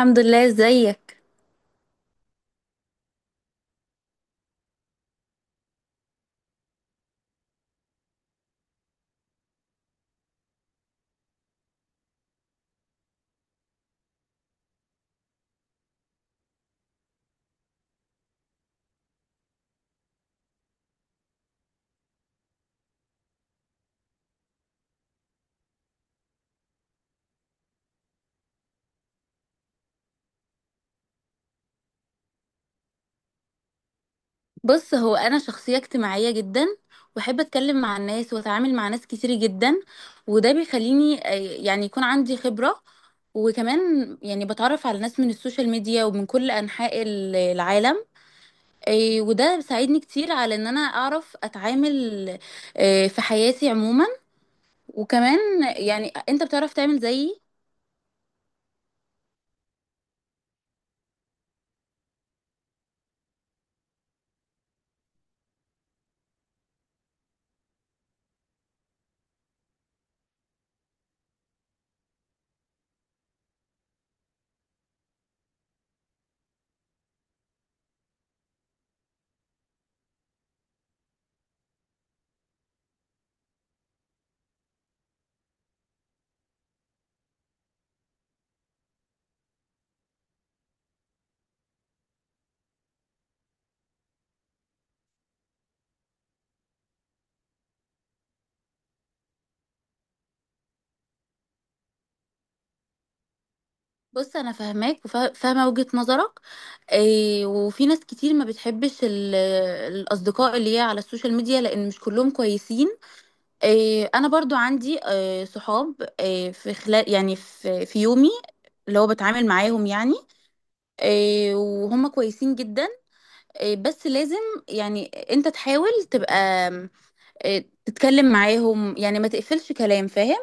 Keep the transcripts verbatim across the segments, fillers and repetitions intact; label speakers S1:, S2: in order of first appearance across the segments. S1: الحمد لله. ازيك؟ بص، هو انا شخصيه اجتماعيه جدا، واحب اتكلم مع الناس واتعامل مع ناس كتير جدا. وده بيخليني، آه، يعني يكون عندي خبره. وكمان يعني بتعرف على ناس من السوشيال ميديا ومن كل انحاء ال- العالم. آه، وده بيساعدني كتير على ان انا اعرف اتعامل، آه، في حياتي عموما. وكمان يعني انت بتعرف تعمل زيي. بص، انا فاهماك وفاهمه وجهه نظرك. إيه، وفي ناس كتير ما بتحبش ال- الاصدقاء اللي هي على السوشيال ميديا، لان مش كلهم كويسين. إيه، انا برضو عندي، إيه، صحاب، إيه، في خلال يعني في في يومي اللي هو بتعامل معاهم يعني. إيه، وهم كويسين جدا. إيه، بس لازم يعني انت تحاول تبقى، إيه، تتكلم معاهم، يعني ما تقفلش كلام، فاهم؟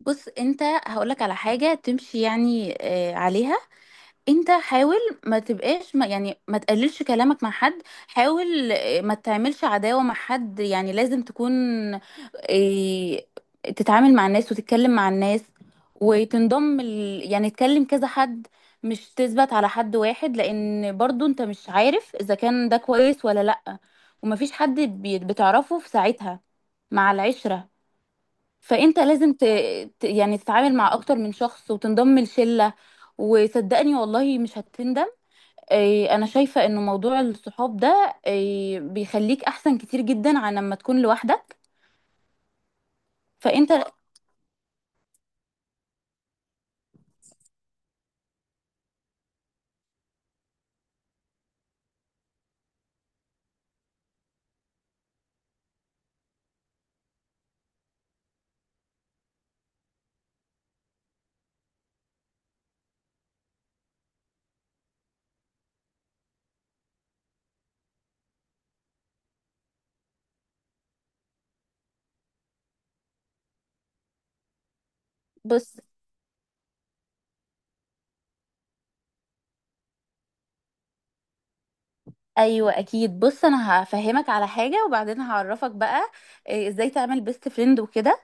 S1: بص، انت هقولك على حاجه تمشي يعني إيه عليها. انت حاول، ما تبقاش ما يعني ما تقللش كلامك مع حد. حاول، آه، ما تعملش عداوة مع حد، يعني لازم تكون، آه، تتعامل مع الناس وتتكلم مع الناس. وتنضم ال... يعني تكلم كذا حد، مش تثبت على حد واحد، لان برضو انت مش عارف اذا كان ده كويس ولا لأ. ومفيش حد بي- بتعرفه في ساعتها مع العشرة. فانت لازم ت... ت- يعني تتعامل مع اكتر من شخص وتنضم لشلة، وصدقني والله مش هتندم. إيه، انا شايفة انه موضوع الصحاب ده، إيه، بيخليك احسن كتير جدا عن لما تكون لوحدك. فانت بص، ايوه اكيد. بص، انا هفهمك على حاجة وبعدين هعرفك بقى، إيه، ازاي تعمل بيست فريند وكده.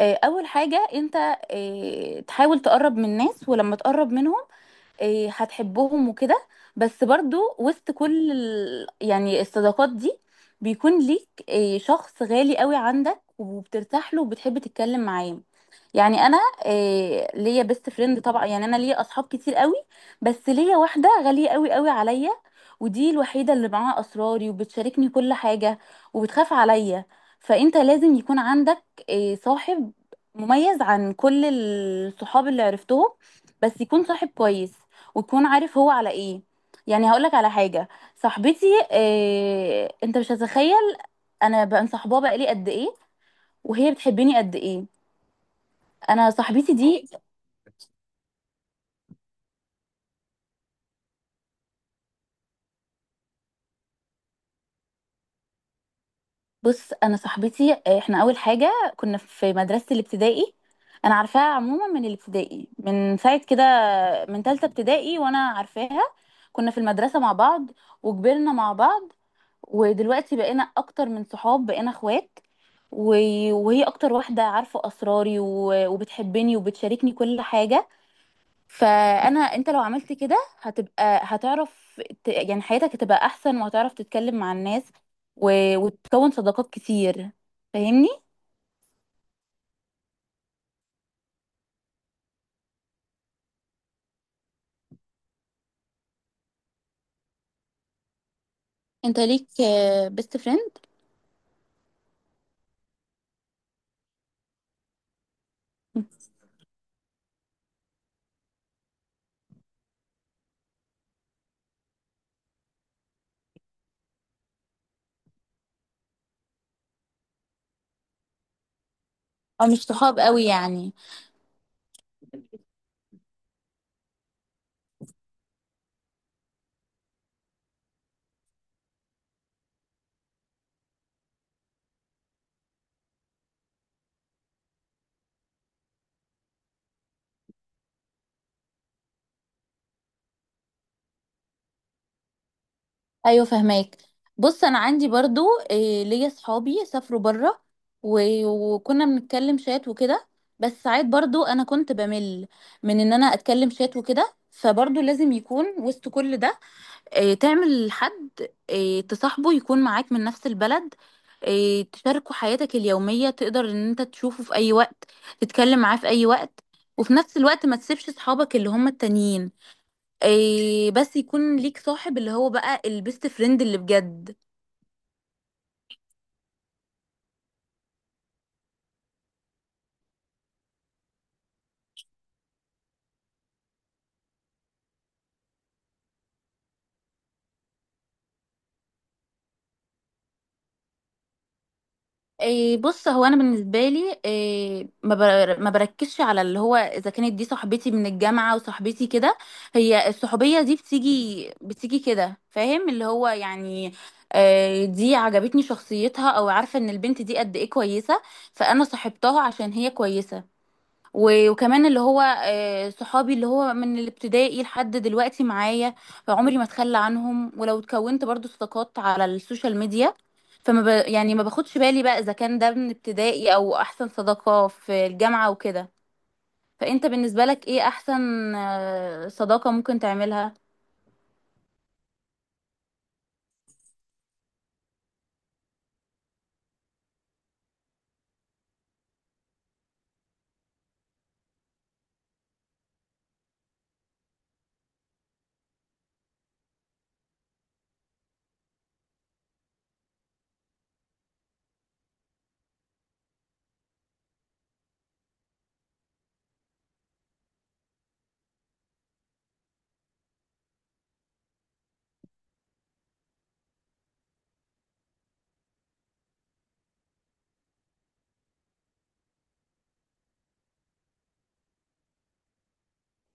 S1: إيه، اول حاجة انت، إيه، تحاول تقرب من الناس، ولما تقرب منهم، إيه، هتحبهم وكده. بس برضو وسط كل ال... يعني الصداقات دي، بيكون ليك، إيه، شخص غالي قوي عندك وبترتاح له وبتحب تتكلم معاه. يعني انا، إيه، ليا بيست فريند طبعا، يعني انا ليا اصحاب كتير قوي، بس ليا واحده غاليه قوي قوي عليا. ودي الوحيده اللي معاها اسراري وبتشاركني كل حاجه وبتخاف عليا. فانت لازم يكون عندك، إيه، صاحب مميز عن كل الصحاب اللي عرفتهم. بس يكون صاحب كويس، ويكون عارف هو على ايه. يعني هقولك على حاجة. صاحبتي، إيه، انت مش هتتخيل انا بقى مصاحباها بقالي قد ايه، وهي بتحبني قد ايه. انا صاحبتي دي، بص، انا صاحبتي، آه، احنا اول حاجة كنا في مدرسة الابتدائي. انا عارفاها عموما من الابتدائي، من ساعة كده، من تالتة ابتدائي وانا عارفاها. كنا في المدرسة مع بعض، وكبرنا مع بعض، ودلوقتي بقينا اكتر من صحاب، بقينا اخوات. و- وهي اكتر واحدة عارفة اسراري و- وبتحبني وبتشاركني كل حاجة. فانا، انت لو عملت كده هتبقى هتعرف ت- يعني حياتك هتبقى احسن وهتعرف تتكلم مع الناس و- وتكون صداقات كتير. فاهمني؟ انت ليك بيست فريند او مش صحاب قوي يعني؟ ايوه، فهماك. بص، انا عندي برضو، إيه، ليا صحابي سافروا بره و- وكنا بنتكلم شات وكده. بس ساعات برضو انا كنت بمل من ان انا اتكلم شات وكده، فبرضو لازم يكون وسط كل ده، إيه، تعمل حد، إيه، تصاحبه يكون معاك من نفس البلد. إيه، تشاركوا حياتك اليومية، تقدر ان انت تشوفه في اي وقت، تتكلم معاه في اي وقت. وفي نفس الوقت ما تسيبش صحابك اللي هم التانيين، إيه، بس يكون ليك صاحب اللي هو بقى البيست فريند اللي بجد. إيه، بص، هو انا بالنسبه لي، إيه، ما بر- ما بركزش على اللي هو اذا كانت دي صاحبتي من الجامعه وصاحبتي كده. هي الصحوبيه دي بتيجي بتيجي كده، فاهم؟ اللي هو يعني، إيه، دي عجبتني شخصيتها، او عارفه ان البنت دي قد ايه كويسه. فانا صاحبتها عشان هي كويسه، و- وكمان اللي هو، آه، صحابي اللي هو من الابتدائي لحد دلوقتي معايا. فعمري ما اتخلى عنهم، ولو اتكونت برضو صداقات على السوشيال ميديا. فما ب... يعني ما باخدش بالي بقى اذا كان ده من ابتدائي او احسن صداقة في الجامعة وكده. فانت بالنسبة لك ايه احسن، آه، صداقة ممكن تعملها؟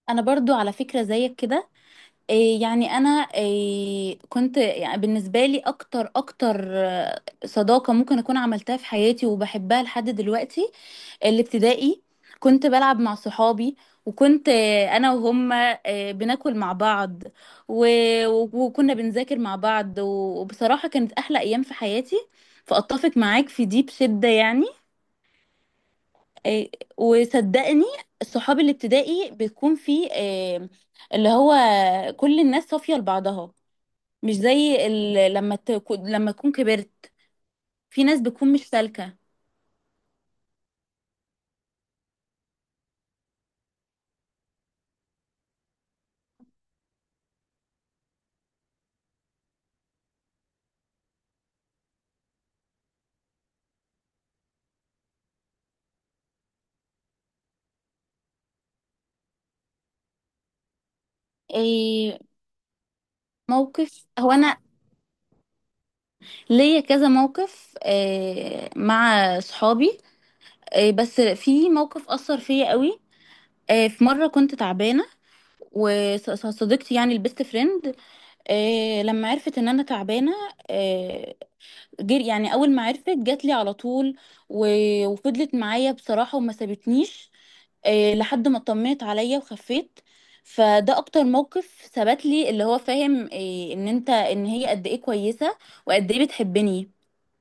S1: انا برضو على فكرة زيك كده. إيه، يعني انا، إيه، كنت يعني بالنسبة لي اكتر اكتر، آه، صداقة ممكن اكون عملتها في حياتي وبحبها لحد دلوقتي، الابتدائي. كنت بلعب مع صحابي، وكنت، آه، انا وهم، آه، بناكل مع بعض و... و- وكنا بنذاكر مع بعض، و- وبصراحة كانت احلى ايام في حياتي. فاتفق معاك في دي بشدة يعني. آه، وصدقني صحاب الابتدائي بيكون في، آه، اللي هو كل الناس صافية لبعضها، مش زي ال... لما ت... لما تكون كبرت. في ناس بتكون مش سالكة، إيه. موقف، هو انا ليا كذا موقف، آه، مع صحابي. آه، بس في موقف أثر فيا قوي. آه، في مرة كنت تعبانة، وصديقتي يعني البيست فريند، آه، لما عرفت ان انا تعبانه، آه، جر يعني اول ما عرفت جات لي على طول و- وفضلت معايا بصراحه وما سابتنيش، آه، لحد ما اطمنت عليا وخفيت. فده اكتر موقف ثبت لي اللي هو، فاهم، آه، ان انت ان هي قد ايه كويسه، وقد ايه بتحبني.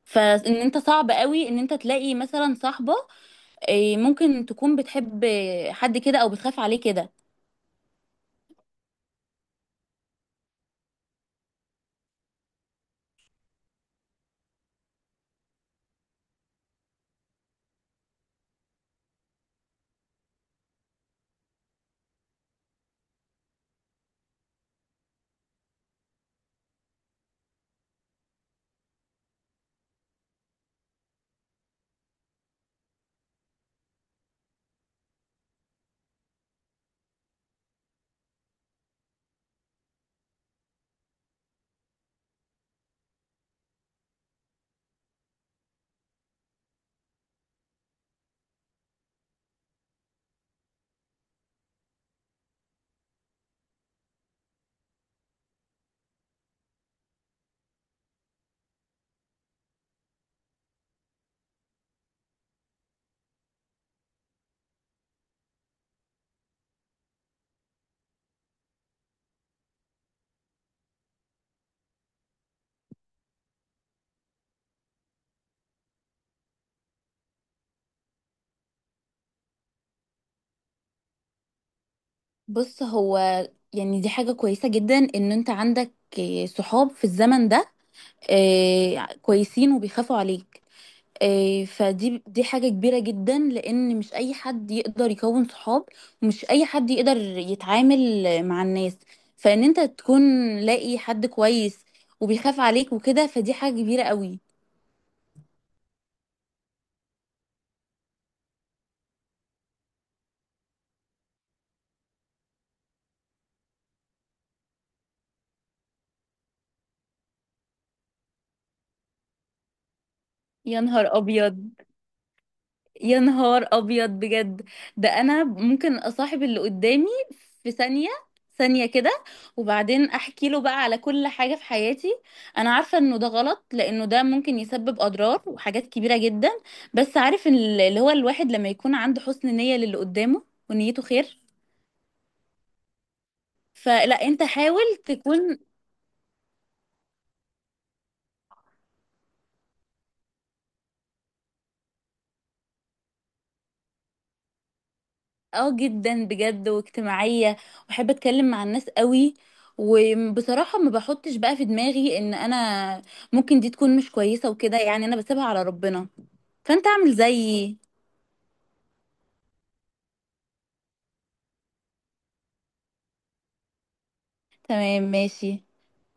S1: فان انت صعب قوي ان انت تلاقي مثلا صاحبة، إيه، ممكن تكون بتحب حد كده او بتخاف عليه كده. بص، هو يعني دي حاجة كويسة جدا ان انت عندك، إيه، صحاب في الزمن ده، إيه، كويسين وبيخافوا عليك، إيه، فدي دي حاجة كبيرة جدا لان مش اي حد يقدر يكون صحاب، ومش اي حد يقدر يتعامل مع الناس. فان انت تكون لاقي حد كويس وبيخاف عليك وكده، فدي حاجة كبيرة قوي. يا نهار ابيض، يا نهار ابيض بجد. ده انا ممكن اصاحب اللي قدامي في ثانية، ثانية كده. وبعدين احكي له بقى على كل حاجة في حياتي. انا عارفة انه ده غلط، لانه ده ممكن يسبب اضرار وحاجات كبيرة جدا. بس عارف إن اللي هو الواحد لما يكون عنده حسن نية للي قدامه ونيته خير. فلا، انت حاول تكون، اه، جدا بجد، واجتماعية، واحب اتكلم مع الناس قوي. وبصراحة ما بحطش بقى في دماغي ان انا ممكن دي تكون مش كويسة وكده، يعني انا بسيبها على ربنا. فانت اعمل زيي. تمام، ماشي.